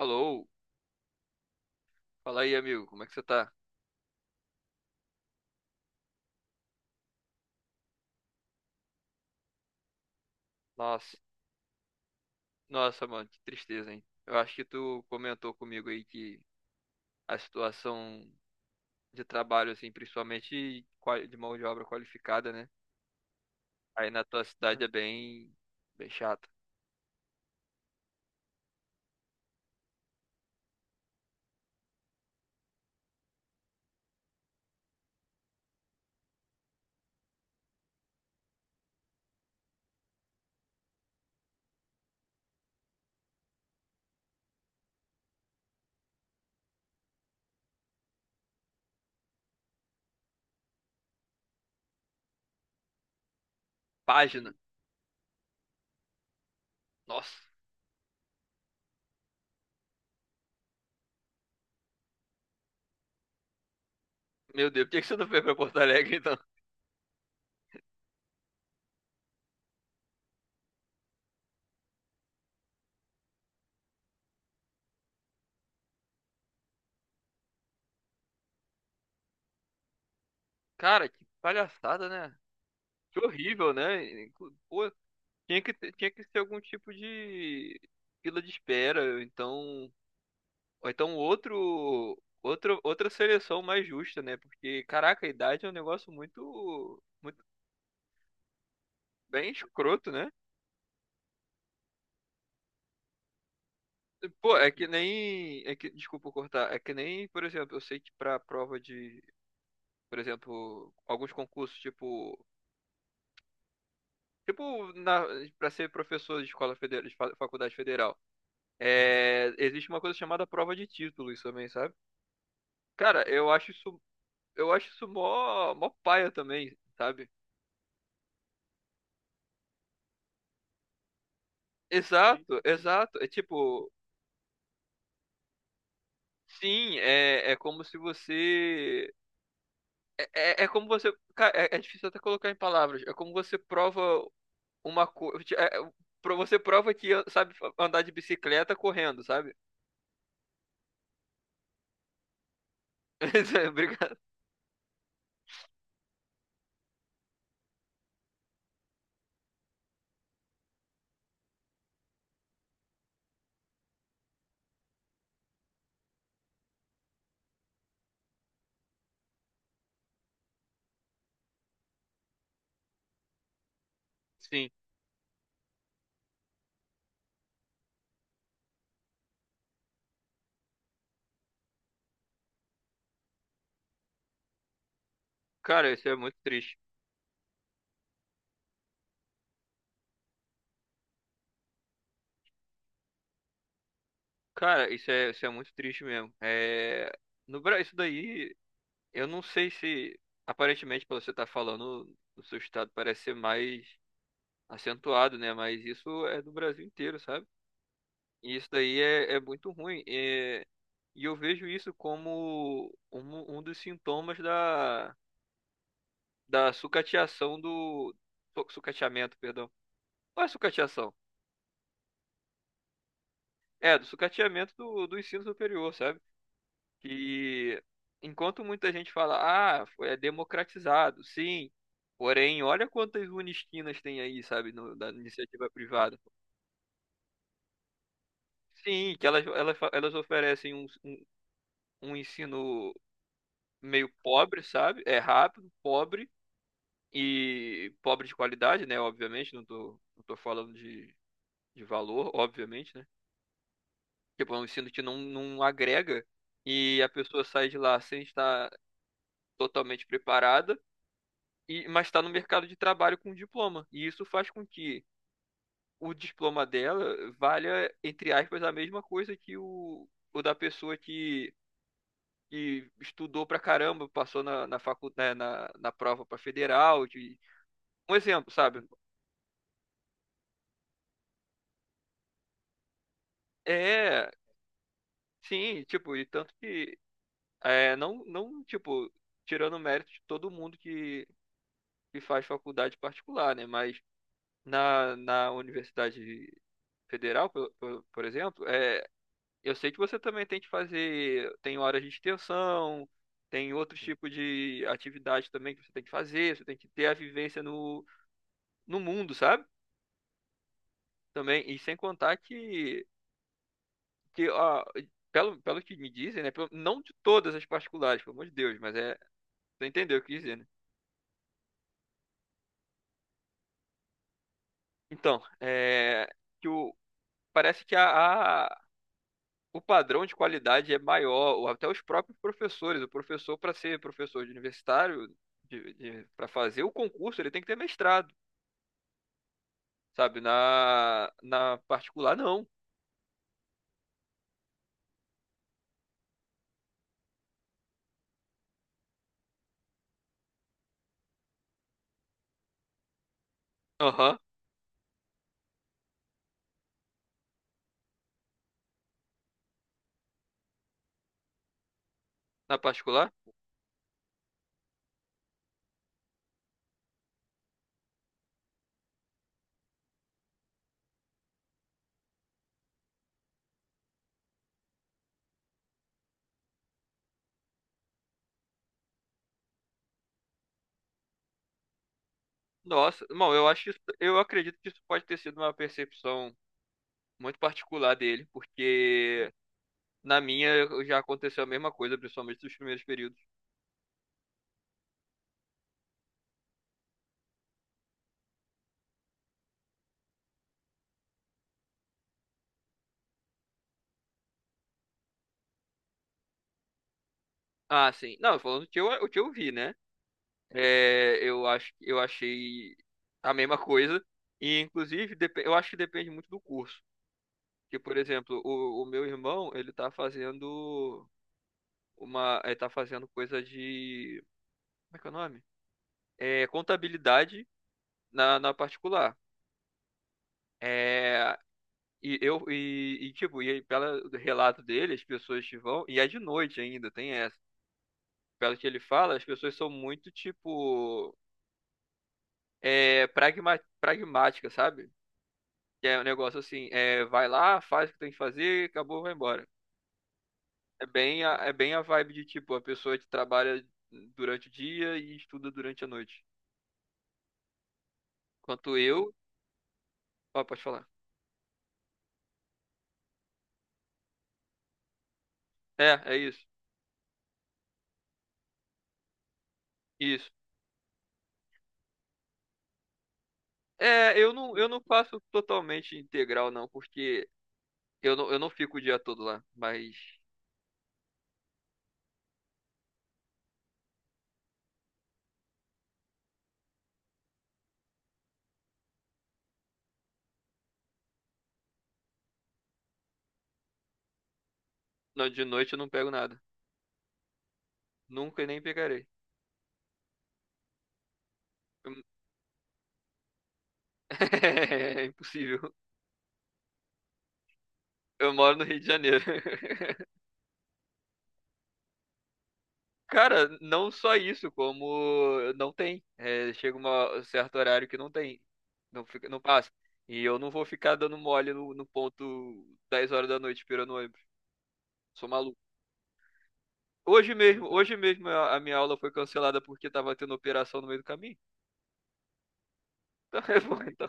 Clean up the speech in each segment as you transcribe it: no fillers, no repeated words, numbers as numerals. Alô, fala aí, amigo, como é que você tá? Nossa, nossa, mano, que tristeza, hein? Eu acho que tu comentou comigo aí que a situação de trabalho, assim, principalmente de mão de obra qualificada, né? Aí na tua cidade é bem chata. Página, nossa, meu Deus, por que que você não veio pra Porto Alegre, então? Cara, que palhaçada, né? Que horrível, né? Pô, tinha que ser algum tipo de fila de espera, ou então outro, outra seleção mais justa, né? Porque, caraca, a idade é um negócio muito bem escroto, né? Pô, é que nem. É que, desculpa cortar. É que nem, por exemplo, eu sei que pra prova de, por exemplo, alguns concursos, tipo. Tipo, na, pra ser professor de escola federal, de faculdade federal. É, existe uma coisa chamada prova de títulos também, sabe? Cara, eu acho isso. Eu acho isso mó paia também, sabe? Exato. É tipo, Sim, é, é como se você. É, é como você. Cara, é difícil até colocar em palavras. É como você prova uma coisa. Você prova que sabe andar de bicicleta correndo, sabe? Obrigado. Sim. Cara, isso é muito triste. Cara, isso é muito triste mesmo. É, no Brasil, isso daí, eu não sei se. Aparentemente, pelo que você tá falando, o seu estado parece ser mais acentuado, né? Mas isso é do Brasil inteiro, sabe? E isso daí é muito ruim. É, e eu vejo isso como um dos sintomas da, da sucateação do. Sucateamento, perdão. Não é sucateação. É, do sucateamento do ensino superior, sabe? Que enquanto muita gente fala, ah, foi é democratizado, sim. Porém, olha quantas unisquinas tem aí, sabe, da iniciativa privada. Sim, que elas elas oferecem um ensino meio pobre, sabe? É rápido, pobre e pobre de qualidade, né? Obviamente, não tô falando de valor, obviamente, né? Tipo, é um ensino que não agrega e a pessoa sai de lá sem estar totalmente preparada, e, mas está no mercado de trabalho com diploma. E isso faz com que o diploma dela valha, entre aspas, a mesma coisa que o da pessoa que. Que estudou pra caramba, passou na facu, né, na prova pra federal, de, um exemplo, sabe? É, sim, tipo, e tanto que é, não, tipo, tirando o mérito de todo mundo que faz faculdade particular, né? Mas na Universidade Federal, por exemplo, é, eu sei que você também tem que fazer, tem horas de extensão, tem outros tipos de atividade também que você tem que fazer, você tem que ter a vivência no, no mundo, sabe? Também, e sem contar que ó, pelo que me dizem, né? Não de todas as particulares, pelo amor de Deus, mas é Você entendeu o que eu quis dizer, né? Então, é, que o, parece que o padrão de qualidade é maior, ou até os próprios professores. O professor, para ser professor de universitário, para fazer o concurso, ele tem que ter mestrado, sabe? Na particular, não. Aham, na particular? Nossa, bom, eu acredito que isso pode ter sido uma percepção muito particular dele, porque na minha já aconteceu a mesma coisa, principalmente nos primeiros períodos. Ah, sim. Não, falando o que o que eu vi, né? É, eu achei a mesma coisa. E, inclusive, eu acho que depende muito do curso. Porque, por exemplo, o meu irmão, ele tá fazendo uma, ele tá fazendo coisa de, como é que é o nome? É, contabilidade na particular. É, e eu, e, tipo, e aí, pelo relato dele, as pessoas que vão, e é de noite ainda, tem essa. Pelo que ele fala, as pessoas são muito, tipo, é, pragmáticas, sabe? Que é um negócio assim, é, vai lá, faz o que tem que fazer, acabou, vai embora. É bem a vibe de tipo, a pessoa que trabalha durante o dia e estuda durante a noite. Quanto eu. Ó, pode falar. É, é isso. Isso. É, eu não faço totalmente integral, não, porque eu não fico o dia todo lá. Mas não, de noite eu não pego nada. Nunca e nem pegarei. Eu- É impossível. Eu moro no Rio de Janeiro. Cara, não só isso, como não tem. É, chega um certo horário que não tem. Não fica, não passa. E eu não vou ficar dando mole no ponto 10 horas da noite esperando o ônibus. Sou maluco. Hoje mesmo a minha aula foi cancelada porque tava tendo operação no meio do caminho. Então, é bom, então.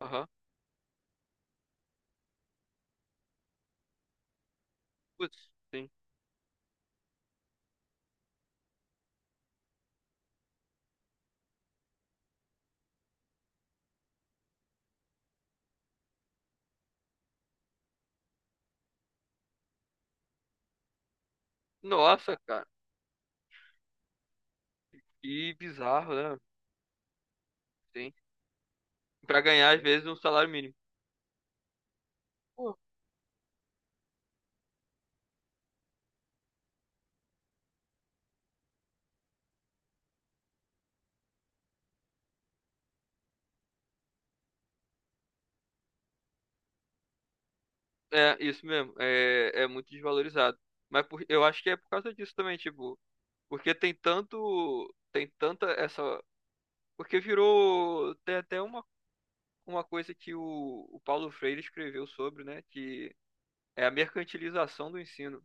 Aham. Putz, sim. Nossa, cara. Que bizarro, né? Sim. Pra ganhar, às vezes, um salário mínimo. Pô, é, isso mesmo. É, é muito desvalorizado. Eu acho que é por causa disso também, tipo. Porque tem tanto. Tem tanta essa. Porque virou. Tem até uma coisa que o Paulo Freire escreveu sobre, né? Que é a mercantilização do ensino.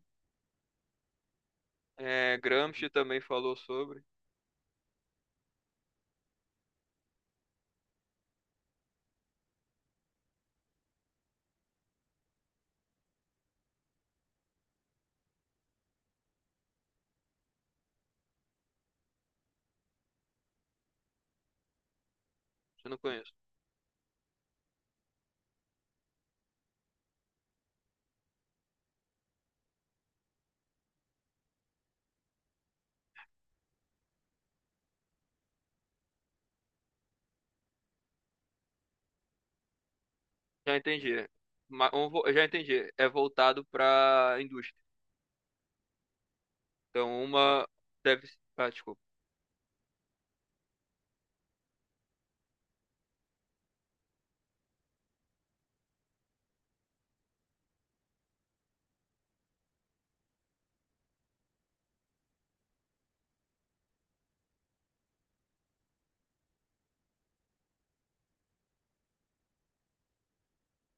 É, Gramsci também falou sobre. Eu não conheço. Já entendi. Já entendi. É voltado para a indústria. Então, uma deve. Ah, desculpa.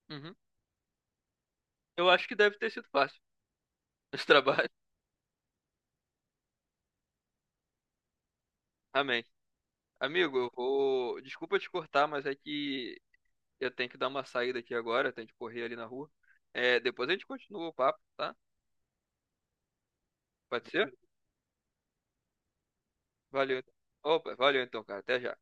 Uhum. Eu acho que deve ter sido fácil esse trabalho. Amém. Amigo, eu vou. Desculpa te cortar, mas é que eu tenho que dar uma saída aqui agora, eu tenho que correr ali na rua. É, depois a gente continua o papo, tá? Pode ser? Valeu. Então. Opa, valeu então, cara. Até já.